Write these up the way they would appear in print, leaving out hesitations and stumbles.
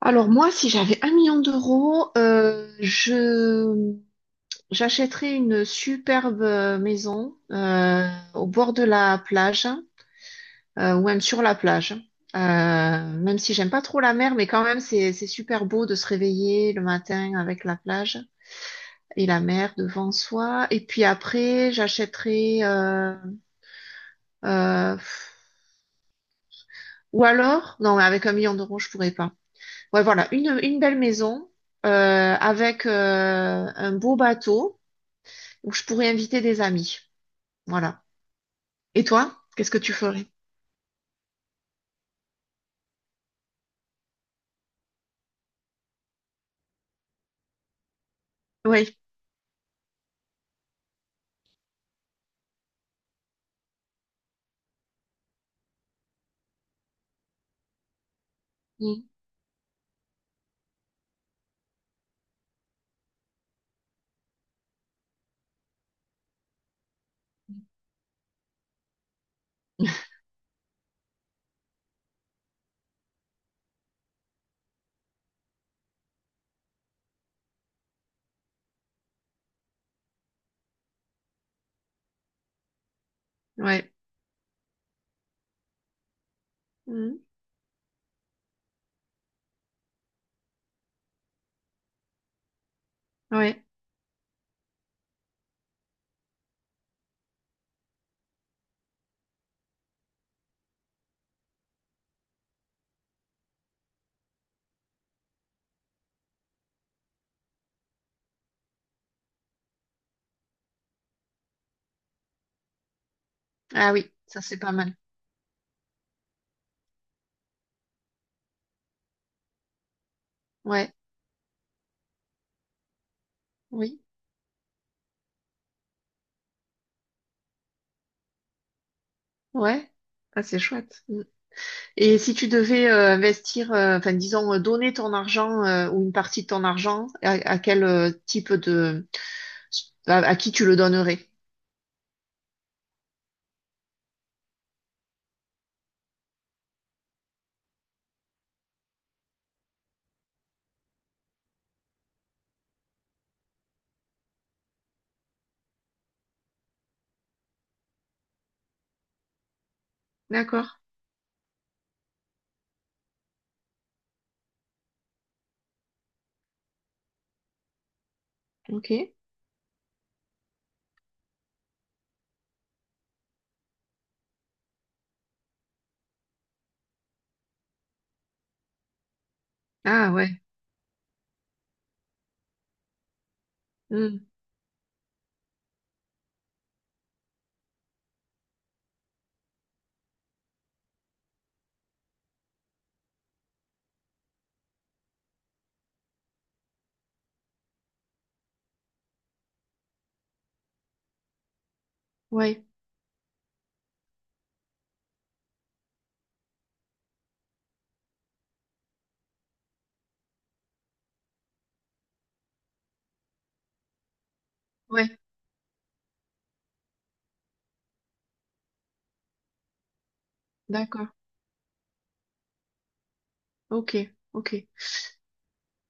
Alors moi, si j'avais 1 million d'euros, je j'achèterais une superbe maison au bord de la plage ou même sur la plage. Même si j'aime pas trop la mer, mais quand même c'est super beau de se réveiller le matin avec la plage et la mer devant soi. Et puis après, j'achèterais euh, pff, ou alors non, mais avec 1 million d'euros, je pourrais pas. Ouais, voilà, une belle maison avec un beau bateau où je pourrais inviter des amis. Voilà. Et toi, qu'est-ce que tu ferais? Oui. Mm. Ouais. Mm. Ouais. Ah oui, ça c'est pas mal. Ouais. Oui. Ouais. Ah, c'est chouette. Mm. Et si tu devais investir, enfin disons, donner ton argent ou une partie de ton argent, à quel type de... À qui tu le donnerais? D'accord. Ok. Ah ouais. Mm. Ouais. Ouais. D'accord. Ok, ok.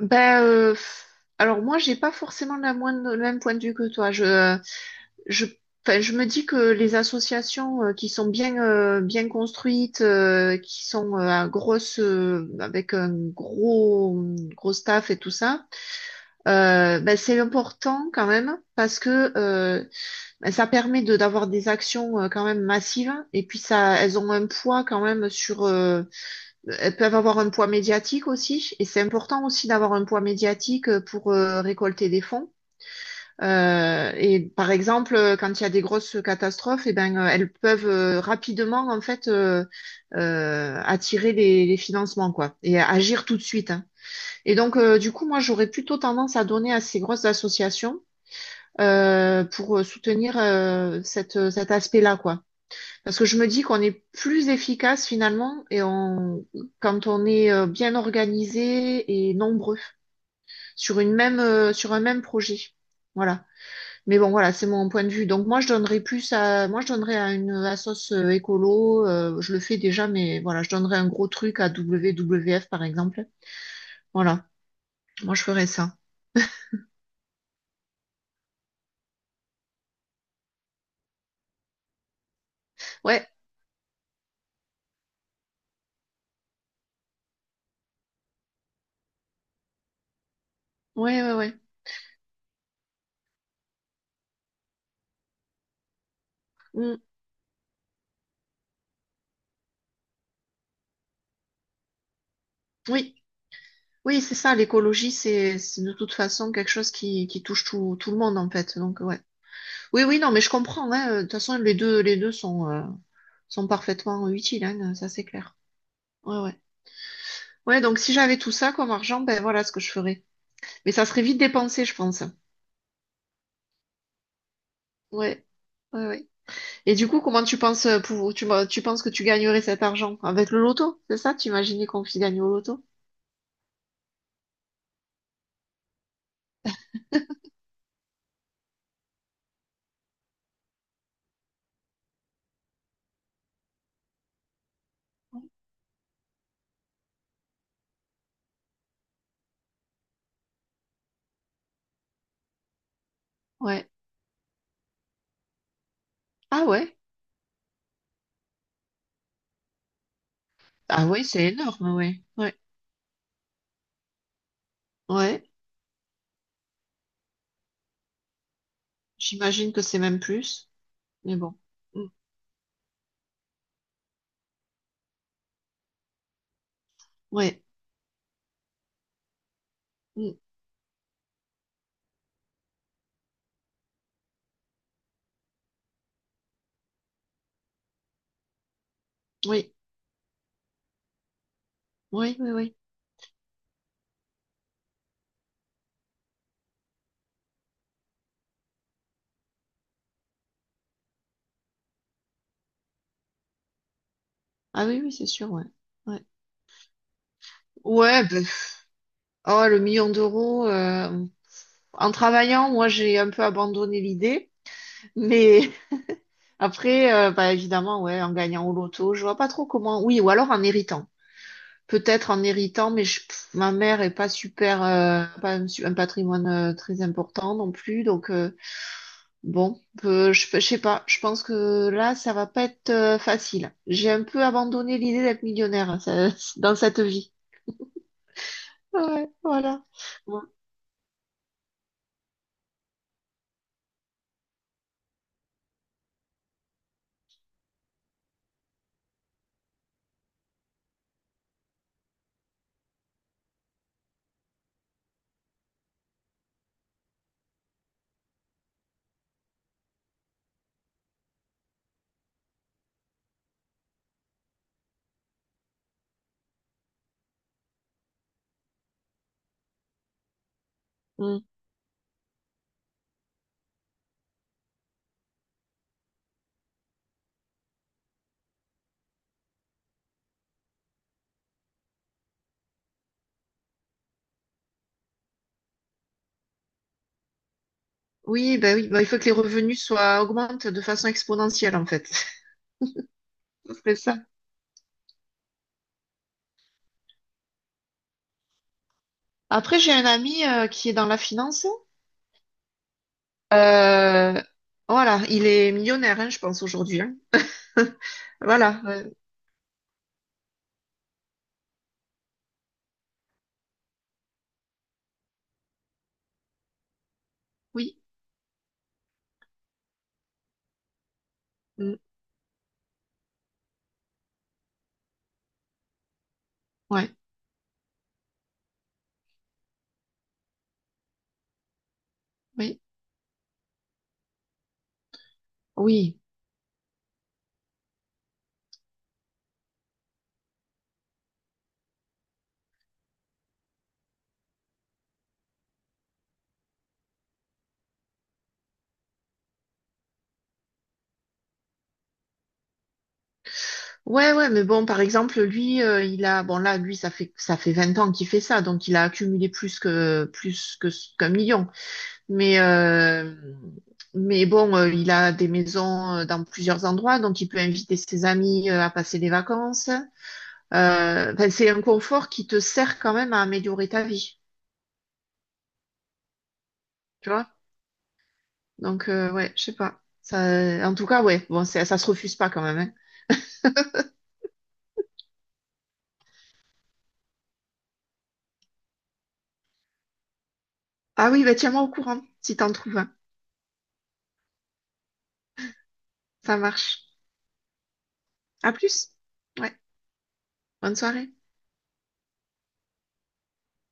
Bah, alors moi, j'ai pas forcément le même point de vue que toi. Je, enfin, je me dis que les associations qui sont bien, bien construites, qui sont à grosse, avec un gros, gros staff et tout ça, bah, c'est important quand même parce que bah, ça permet de d'avoir des actions quand même massives et puis ça, elles ont un poids quand même sur, elles peuvent avoir un poids médiatique aussi, et c'est important aussi d'avoir un poids médiatique pour récolter des fonds. Et par exemple, quand il y a des grosses catastrophes, eh ben, elles peuvent rapidement en fait attirer les financements quoi, et agir tout de suite, hein. Et donc, du coup, moi, j'aurais plutôt tendance à donner à ces grosses associations pour soutenir cet aspect-là quoi. Parce que je me dis qu'on est plus efficace finalement et on, quand on est bien organisé et nombreux sur sur un même projet. Voilà. Mais bon, voilà, c'est mon point de vue. Donc moi, je donnerais plus à, moi, je donnerais à une assos écolo. Je le fais déjà, mais voilà, je donnerais un gros truc à WWF par exemple. Voilà. Moi, je ferais ça. Ouais, ouais, ouais, ouais. Mm. Oui, oui, c'est ça. L'écologie, c'est de toute façon quelque chose qui touche tout, tout le monde en fait. Donc ouais. Oui, oui, non, mais je comprends, hein. De toute façon, les deux sont, sont parfaitement utiles, hein, ça c'est clair. Ouais, ouais. Ouais, donc si j'avais tout ça comme argent, ben voilà ce que je ferais. Mais ça serait vite dépensé, je pense. Ouais, ouais, ouais. Et du coup, comment tu penses que tu gagnerais cet argent? Avec le loto, c'est ça? Tu imaginais qu'on y gagne au loto? Ouais. Ah ouais. Ah ouais, c'est énorme, ouais. Ouais. Ouais. J'imagine que c'est même plus. Mais bon. Mm. Ouais. Mm. Oui. Oui, oui, oui. Ah oui, oui, c'est sûr, ouais. Ouais. Ouais, ben, oh, le million d'euros. En travaillant, moi, j'ai un peu abandonné l'idée. Mais après, bah, évidemment, ouais, en gagnant au loto, je vois pas trop comment. Oui, ou alors en héritant. Peut-être en héritant, mais ma mère est pas super, pas un, un patrimoine très important non plus. Donc, bon, je sais pas. Je pense que là, ça va pas être facile. J'ai un peu abandonné l'idée d'être millionnaire, hein, dans cette vie. Ouais, voilà. Ouais. Hmm. Oui, ben il faut que les revenus soient augmentent de façon exponentielle en fait. C'est ça. Après, j'ai un ami qui est dans la finance. Euh, voilà, il est millionnaire, hein, je pense aujourd'hui, hein. Voilà, oui, mm, ouais, oui, oui, ouais, ouais. Mais bon, par exemple, lui, il a, bon là, lui, ça fait 20 ans qu'il fait ça, donc il a accumulé plus que qu'un million. Mais, euh, mais bon, il a des maisons dans plusieurs endroits, donc il peut inviter ses amis à passer des vacances. Enfin, c'est un confort qui te sert quand même à améliorer ta vie, tu vois? Donc, ouais, je sais pas. Ça, en tout cas, ouais, bon, ça se refuse pas quand même, hein. Ah oui, bah tiens-moi au courant si t'en trouves un. Ça marche. À plus. Ouais, bonne soirée.